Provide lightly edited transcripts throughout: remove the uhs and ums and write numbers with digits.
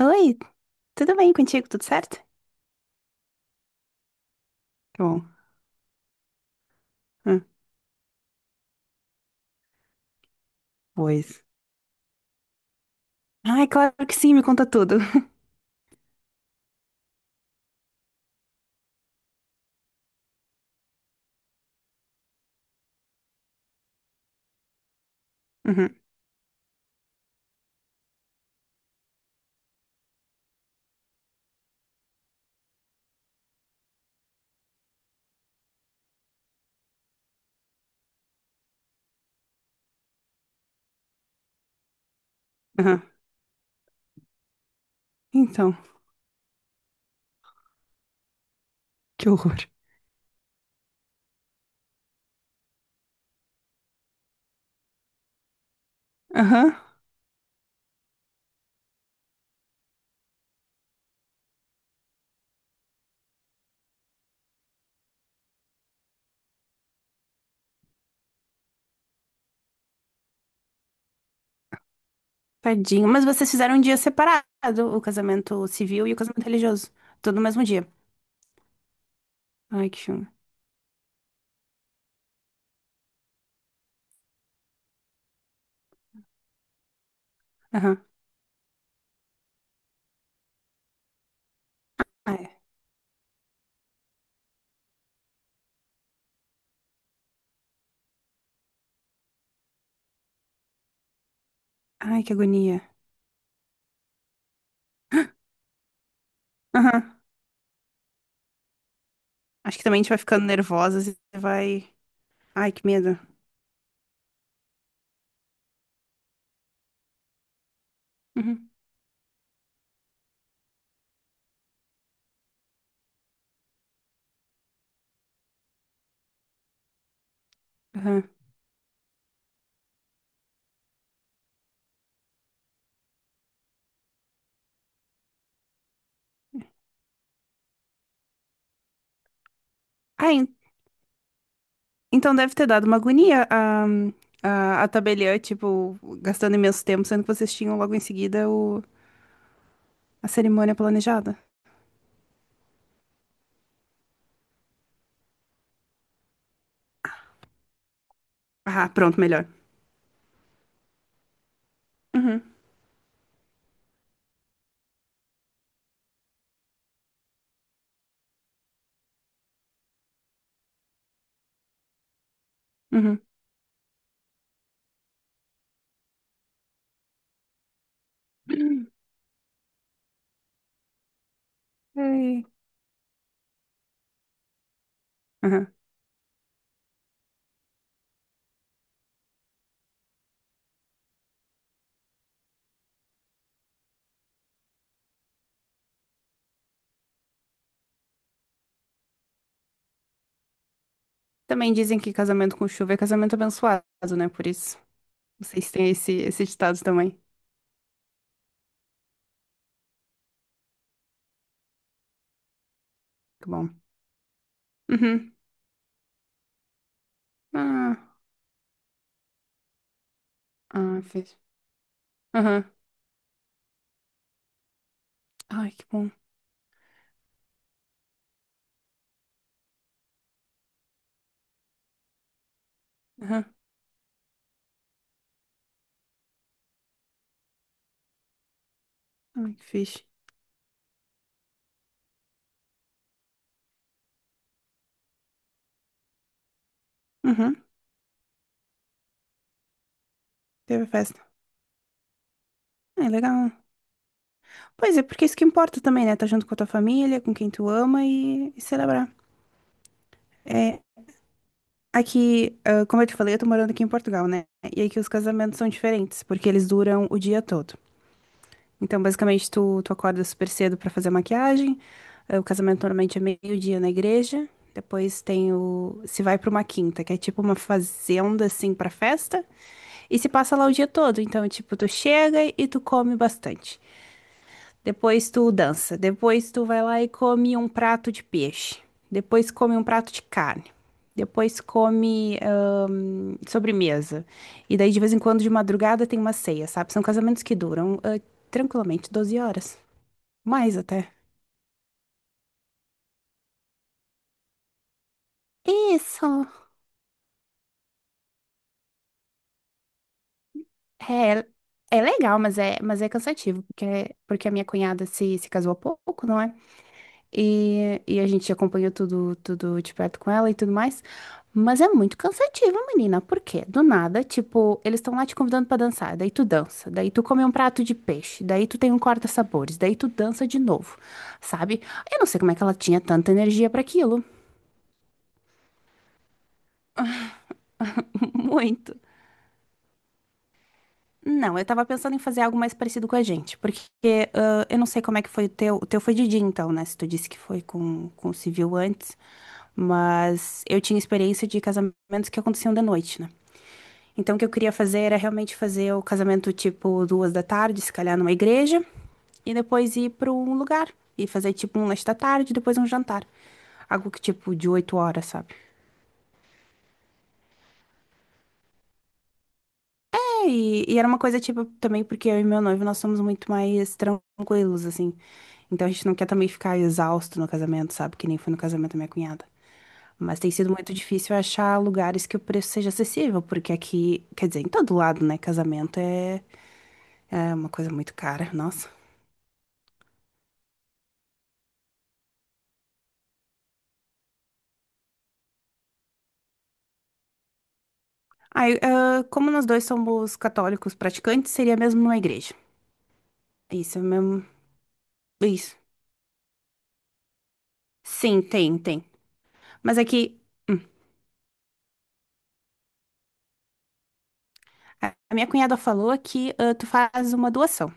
Oi, tudo bem contigo? Tudo certo? Que bom. Hum, pois. Ai, claro que sim, me conta tudo. Uhum, uhum. Então, que horror. Aham. Tadinho. Mas vocês fizeram um dia separado, o casamento civil e o casamento religioso. Tudo no mesmo dia. Ai, que filme. Aham. Ai, ai, que agonia. Aham. Acho que também a gente vai ficando nervosa e vai. Ai, que medo. Uhum. Aham. Ai, então deve ter dado uma agonia a tabeliã, tipo, gastando imenso tempo, sendo que vocês tinham logo em seguida a cerimônia planejada. Ah, pronto, melhor. Uhum, uhum. Ai, aham. Também dizem que casamento com chuva é casamento abençoado, né? Por isso, vocês têm esse ditado também. Que bom. Uhum. Ah, ah, fez. Aham. Ai, que bom. Aham. Ai, que fixe. Uhum. Teve festa. Ai, legal. Pois é, porque é isso que importa também, né? Tá junto com a tua família, com quem tu ama e celebrar. É, aqui, como eu te falei, eu tô morando aqui em Portugal, né? E aqui os casamentos são diferentes, porque eles duram o dia todo. Então, basicamente, tu acorda super cedo pra fazer a maquiagem. O casamento normalmente é meio-dia na igreja. Depois, se vai pra uma quinta, que é tipo uma fazenda, assim, pra festa. E se passa lá o dia todo. Então, tipo, tu chega e tu come bastante. Depois tu dança. Depois tu vai lá e come um prato de peixe. Depois come um prato de carne. Depois come sobremesa. E daí, de vez em quando, de madrugada, tem uma ceia, sabe? São casamentos que duram tranquilamente 12 horas. Mais até. Isso. É, é legal, mas é cansativo, porque a minha cunhada se casou há pouco, não é? E a gente acompanhou tudo, tudo de perto com ela e tudo mais. Mas é muito cansativo, menina. Por quê? Do nada, tipo, eles estão lá te convidando pra dançar. Daí tu dança. Daí tu come um prato de peixe. Daí tu tem um corta-sabores. Daí tu dança de novo, sabe? Eu não sei como é que ela tinha tanta energia pra aquilo. Muito. Não, eu tava pensando em fazer algo mais parecido com a gente, porque eu não sei como é que foi o teu. O teu foi de dia, então, né? Se tu disse que foi com o civil antes, mas eu tinha experiência de casamentos que aconteciam de noite, né? Então, o que eu queria fazer era realmente fazer o casamento tipo 2 da tarde, se calhar numa igreja, e depois ir pra um lugar e fazer tipo um lanche da tarde, depois um jantar. Algo que tipo de 8 horas, sabe? É, E era uma coisa, tipo, também porque eu e meu noivo, nós somos muito mais tranquilos, assim. Então a gente não quer também ficar exausto no casamento, sabe? Que nem foi no casamento da minha cunhada. Mas tem sido muito difícil achar lugares que o preço seja acessível, porque aqui, quer dizer, em todo lado, né? Casamento é uma coisa muito cara, nossa. Aí, como nós dois somos católicos praticantes, seria mesmo numa igreja. Isso é mesmo. Isso. Sim, tem, tem. Mas aqui, a minha cunhada falou que tu faz uma doação.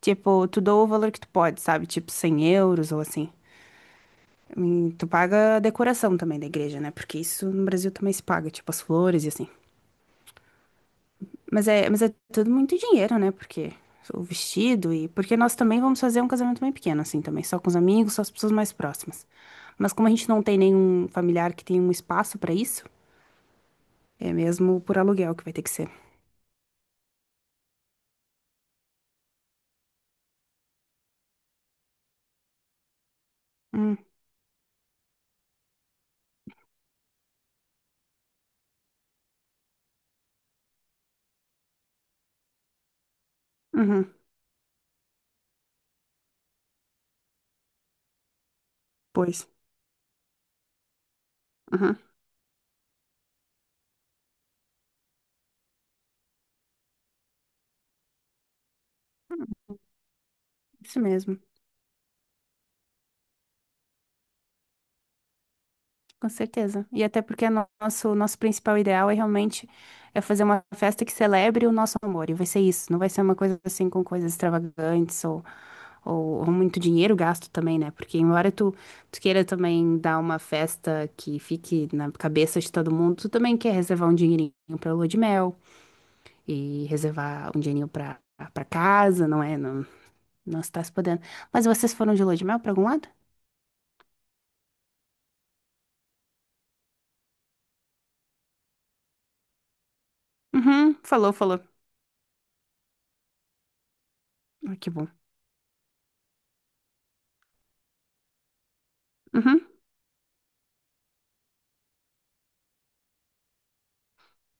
Tipo, tu doa o valor que tu pode, sabe? Tipo, 100 euros ou assim. Tu paga a decoração também da igreja, né? Porque isso no Brasil também se paga, tipo, as flores e assim. Mas é tudo muito dinheiro, né? Porque o vestido e... Porque nós também vamos fazer um casamento bem pequeno, assim, também. Só com os amigos, só as pessoas mais próximas. Mas como a gente não tem nenhum familiar que tenha um espaço pra isso, é mesmo por aluguel que vai ter que ser. Hum, uhum, pois. Uhum, isso mesmo. Com certeza. E até porque nosso principal ideal é realmente fazer uma festa que celebre o nosso amor. E vai ser isso. Não vai ser uma coisa assim com coisas extravagantes ou muito dinheiro gasto também, né? Porque embora tu queira também dar uma festa que fique na cabeça de todo mundo, tu também quer reservar um dinheirinho pra lua de mel e reservar um dinheirinho pra casa, não é? Não, não está se podendo. Mas vocês foram de lua de mel pra algum lado? Uhum, falou, falou. Ah, que bom. Uhum.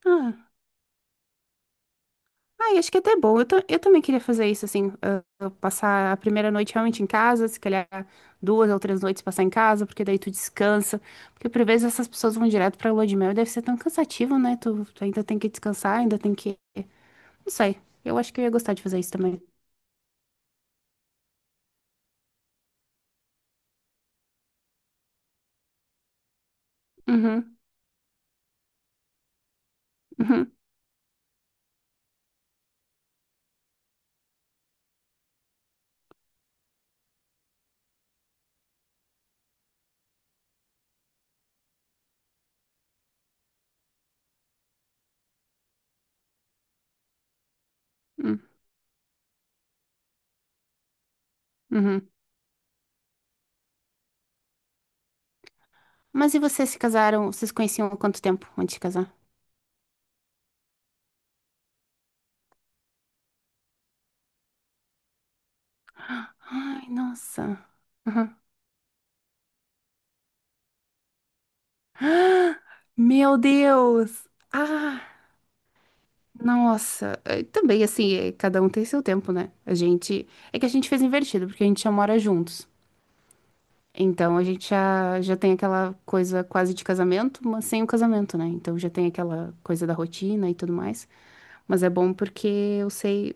Ah, ai, acho que é até bom. Eu também queria fazer isso, assim, passar a primeira noite realmente em casa, se calhar 2 ou 3 noites passar em casa, porque daí tu descansa. Porque por vezes essas pessoas vão direto pra lua de mel e deve ser tão cansativo, né? Tu ainda tem que descansar, ainda tem que. Não sei. Eu acho que eu ia gostar de fazer isso também. Uhum, uhum, uhum, uhum. Mas e vocês se casaram? Vocês conheciam há quanto tempo antes de casar? Ai, nossa. Uhum. Meu Deus! Ah! Nossa, é, também assim, é, cada um tem seu tempo, né? A gente. É que a gente fez invertido, porque a gente já mora juntos. Então a gente já tem aquela coisa quase de casamento, mas sem o casamento, né? Então já tem aquela coisa da rotina e tudo mais. Mas é bom porque eu sei,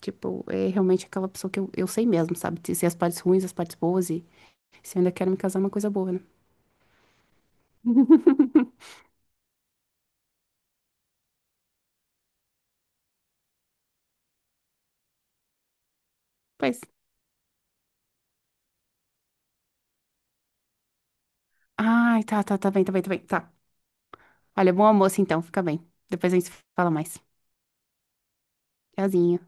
tipo, é realmente aquela pessoa que eu sei mesmo, sabe? Se as partes ruins, as partes boas e se eu ainda quero me casar, é uma coisa boa, né? Pois. Ai, tá, tá, tá bem, tá bem, tá bem. Tá. Olha, bom almoço então, fica bem. Depois a gente se fala mais. Tchauzinho.